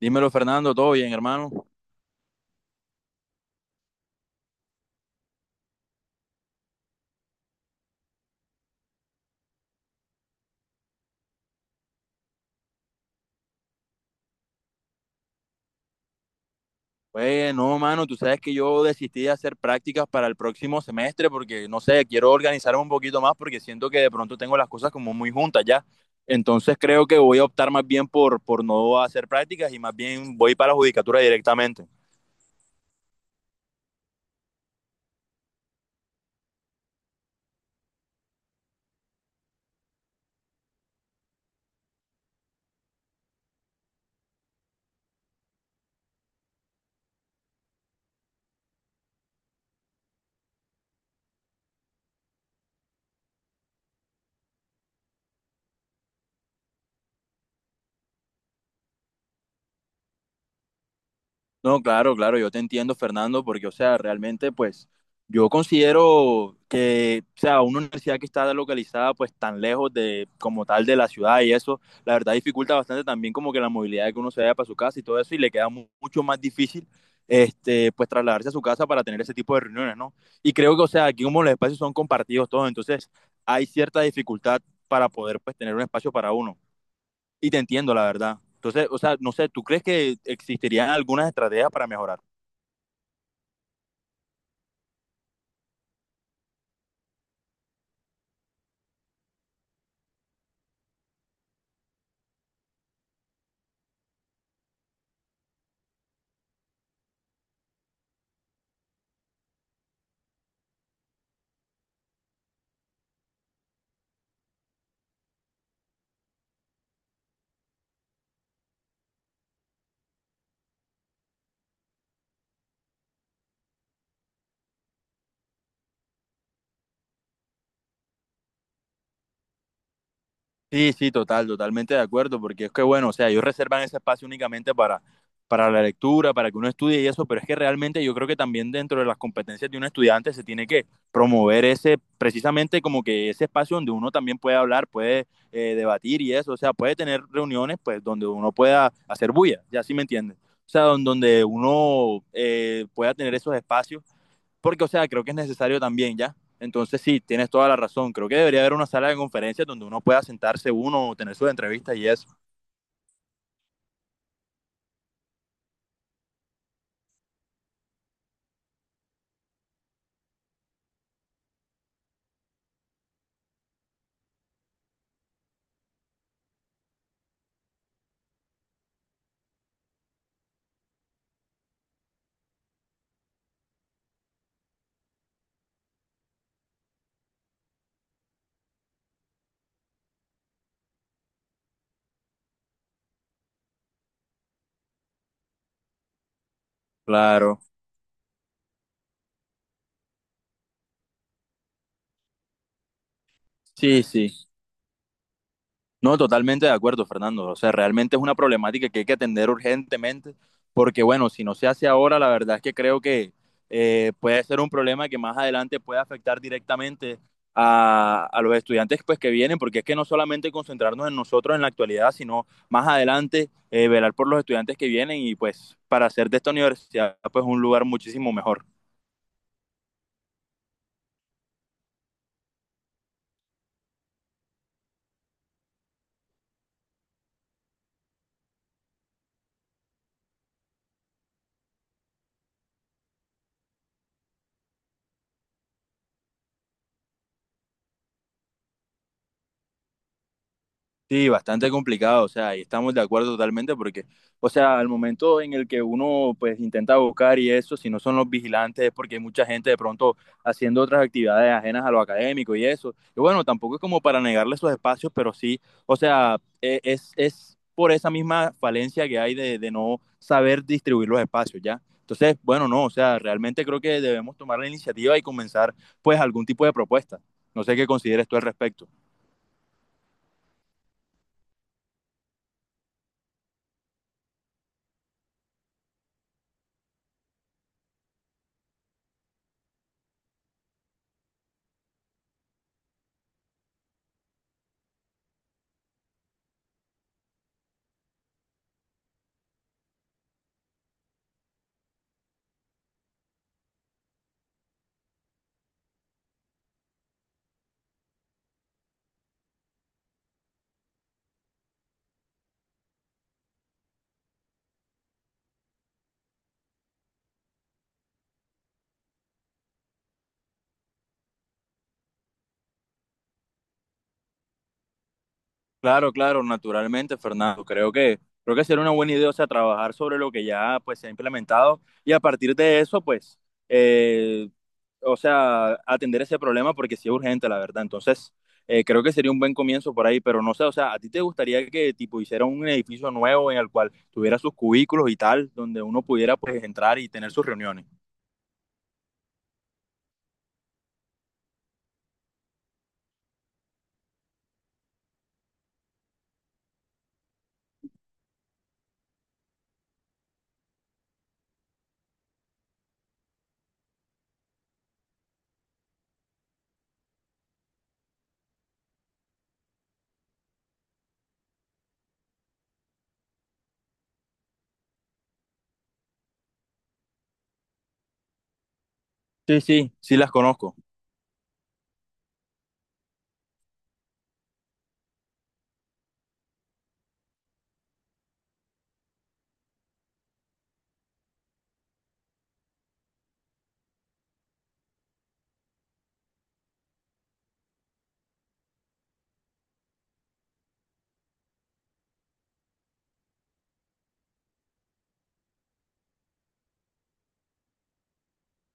Dímelo, Fernando, ¿todo bien, hermano? Pues no, mano, tú sabes que yo desistí de hacer prácticas para el próximo semestre porque, no sé, quiero organizarme un poquito más porque siento que de pronto tengo las cosas como muy juntas ya. Entonces creo que voy a optar más bien por no hacer prácticas y más bien voy para la judicatura directamente. No, claro, claro, yo te entiendo, Fernando, porque, o sea, realmente, pues, yo considero que, o sea, una universidad que está localizada, pues, tan lejos de, como tal, de la ciudad y eso, la verdad dificulta bastante también como que la movilidad de que uno se vaya para su casa y todo eso, y le queda mucho más difícil, este, pues, trasladarse a su casa para tener ese tipo de reuniones, ¿no? Y creo que, o sea, aquí como los espacios son compartidos todos, entonces hay cierta dificultad para poder, pues, tener un espacio para uno. Y te entiendo, la verdad. Entonces, o sea, no sé, ¿tú crees que existirían algunas estrategias para mejorar? Sí, sí, total, totalmente de acuerdo, porque es que bueno, o sea, ellos reservan ese espacio únicamente para la lectura, para que uno estudie y eso, pero es que realmente yo creo que también dentro de las competencias de un estudiante se tiene que promover ese, precisamente como que ese espacio donde uno también puede hablar, puede debatir y eso, o sea, puede tener reuniones pues donde uno pueda hacer bulla, ya sí me entiendes, o sea, donde uno pueda tener esos espacios porque, o sea, creo que es necesario también, ¿ya? Entonces, sí, tienes toda la razón. Creo que debería haber una sala de conferencias donde uno pueda sentarse uno o tener sus entrevistas y eso. Claro. Sí, sí. No, totalmente de acuerdo, Fernando. O sea, realmente es una problemática que hay que atender urgentemente, porque bueno, si no se hace ahora, la verdad es que creo que puede ser un problema que más adelante puede afectar directamente a los estudiantes pues, que vienen, porque es que no solamente concentrarnos en nosotros en la actualidad, sino más adelante velar por los estudiantes que vienen y pues para hacer de esta universidad pues un lugar muchísimo mejor. Sí, bastante complicado, o sea, y estamos de acuerdo totalmente porque, o sea, al momento en el que uno pues intenta buscar y eso, si no son los vigilantes es porque hay mucha gente de pronto haciendo otras actividades ajenas a lo académico y eso. Y bueno, tampoco es como para negarle esos espacios, pero sí, o sea, es por esa misma falencia que hay de no saber distribuir los espacios, ¿ya? Entonces, bueno, no, o sea, realmente creo que debemos tomar la iniciativa y comenzar pues algún tipo de propuesta. No sé qué consideres tú al respecto. Claro, claro, naturalmente, Fernando. Creo que sería una buena idea, o sea, trabajar sobre lo que ya pues se ha implementado y a partir de eso, pues, eh, o sea, atender ese problema porque sí es urgente, la verdad. Entonces, creo que sería un buen comienzo por ahí, pero no sé, o sea, ¿a ti te gustaría que tipo hiciera un edificio nuevo en el cual tuviera sus cubículos y tal, donde uno pudiera pues entrar y tener sus reuniones? Sí, sí, sí las conozco.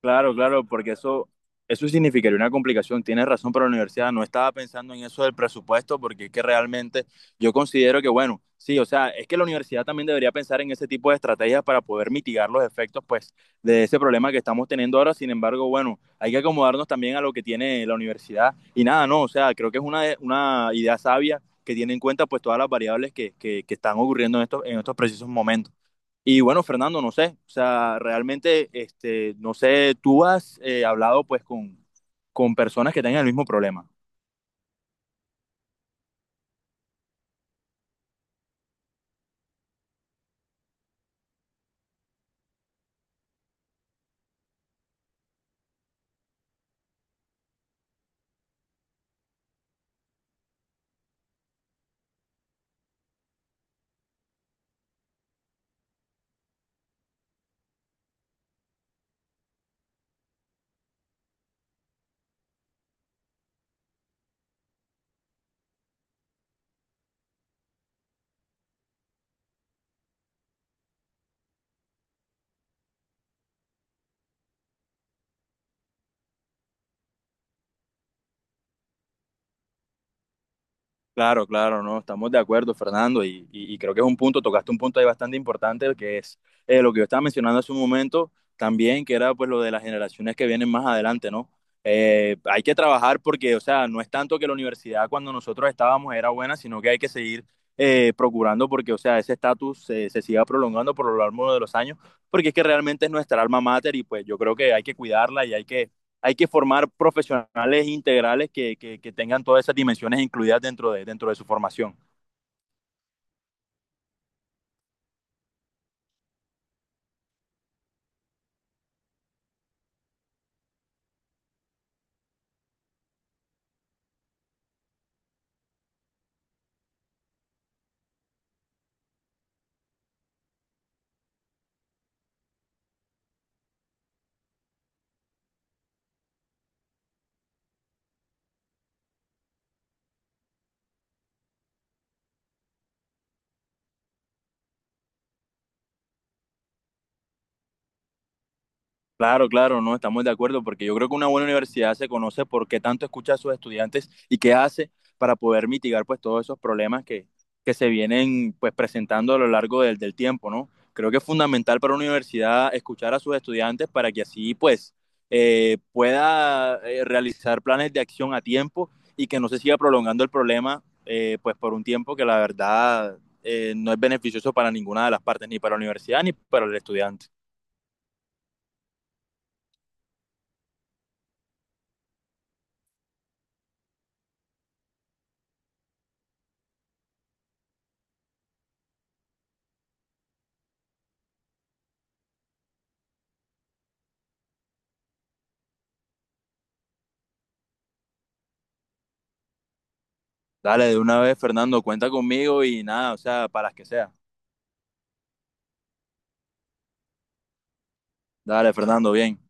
Claro, claro, porque eso significaría una complicación. Tienes razón, pero la universidad no estaba pensando en eso del presupuesto, porque es que realmente yo considero que, bueno, sí, o sea, es que la universidad también debería pensar en ese tipo de estrategias para poder mitigar los efectos, pues, de ese problema que estamos teniendo ahora. Sin embargo, bueno, hay que acomodarnos también a lo que tiene la universidad. Y nada, no, o sea, creo que es una idea sabia que tiene en cuenta, pues, todas las variables que están ocurriendo en en estos precisos momentos. Y bueno, Fernando, no sé, o sea, realmente, este, no sé, tú has hablado pues con personas que tengan el mismo problema. Claro, claro, no, estamos de acuerdo, Fernando, y creo que es un punto, tocaste un punto ahí bastante importante, que es lo que yo estaba mencionando hace un momento también, que era pues lo de las generaciones que vienen más adelante, ¿no? Hay que trabajar porque, o sea, no es tanto que la universidad cuando nosotros estábamos era buena, sino que hay que seguir procurando porque, o sea, ese estatus se siga prolongando por lo largo de los años, porque es que realmente es nuestra alma mater y pues yo creo que hay que cuidarla y hay que formar profesionales integrales que tengan todas esas dimensiones incluidas dentro dentro de su formación. Claro, claro, no estamos de acuerdo porque yo creo que una buena universidad se conoce por qué tanto escucha a sus estudiantes y qué hace para poder mitigar pues todos esos problemas que se vienen pues presentando a lo largo del tiempo, ¿no? Creo que es fundamental para una universidad escuchar a sus estudiantes para que así pues pueda realizar planes de acción a tiempo y que no se siga prolongando el problema pues por un tiempo que la verdad no es beneficioso para ninguna de las partes, ni para la universidad ni para el estudiante. Dale, de una vez, Fernando, cuenta conmigo y nada, o sea, para las que sea. Dale, Fernando, bien.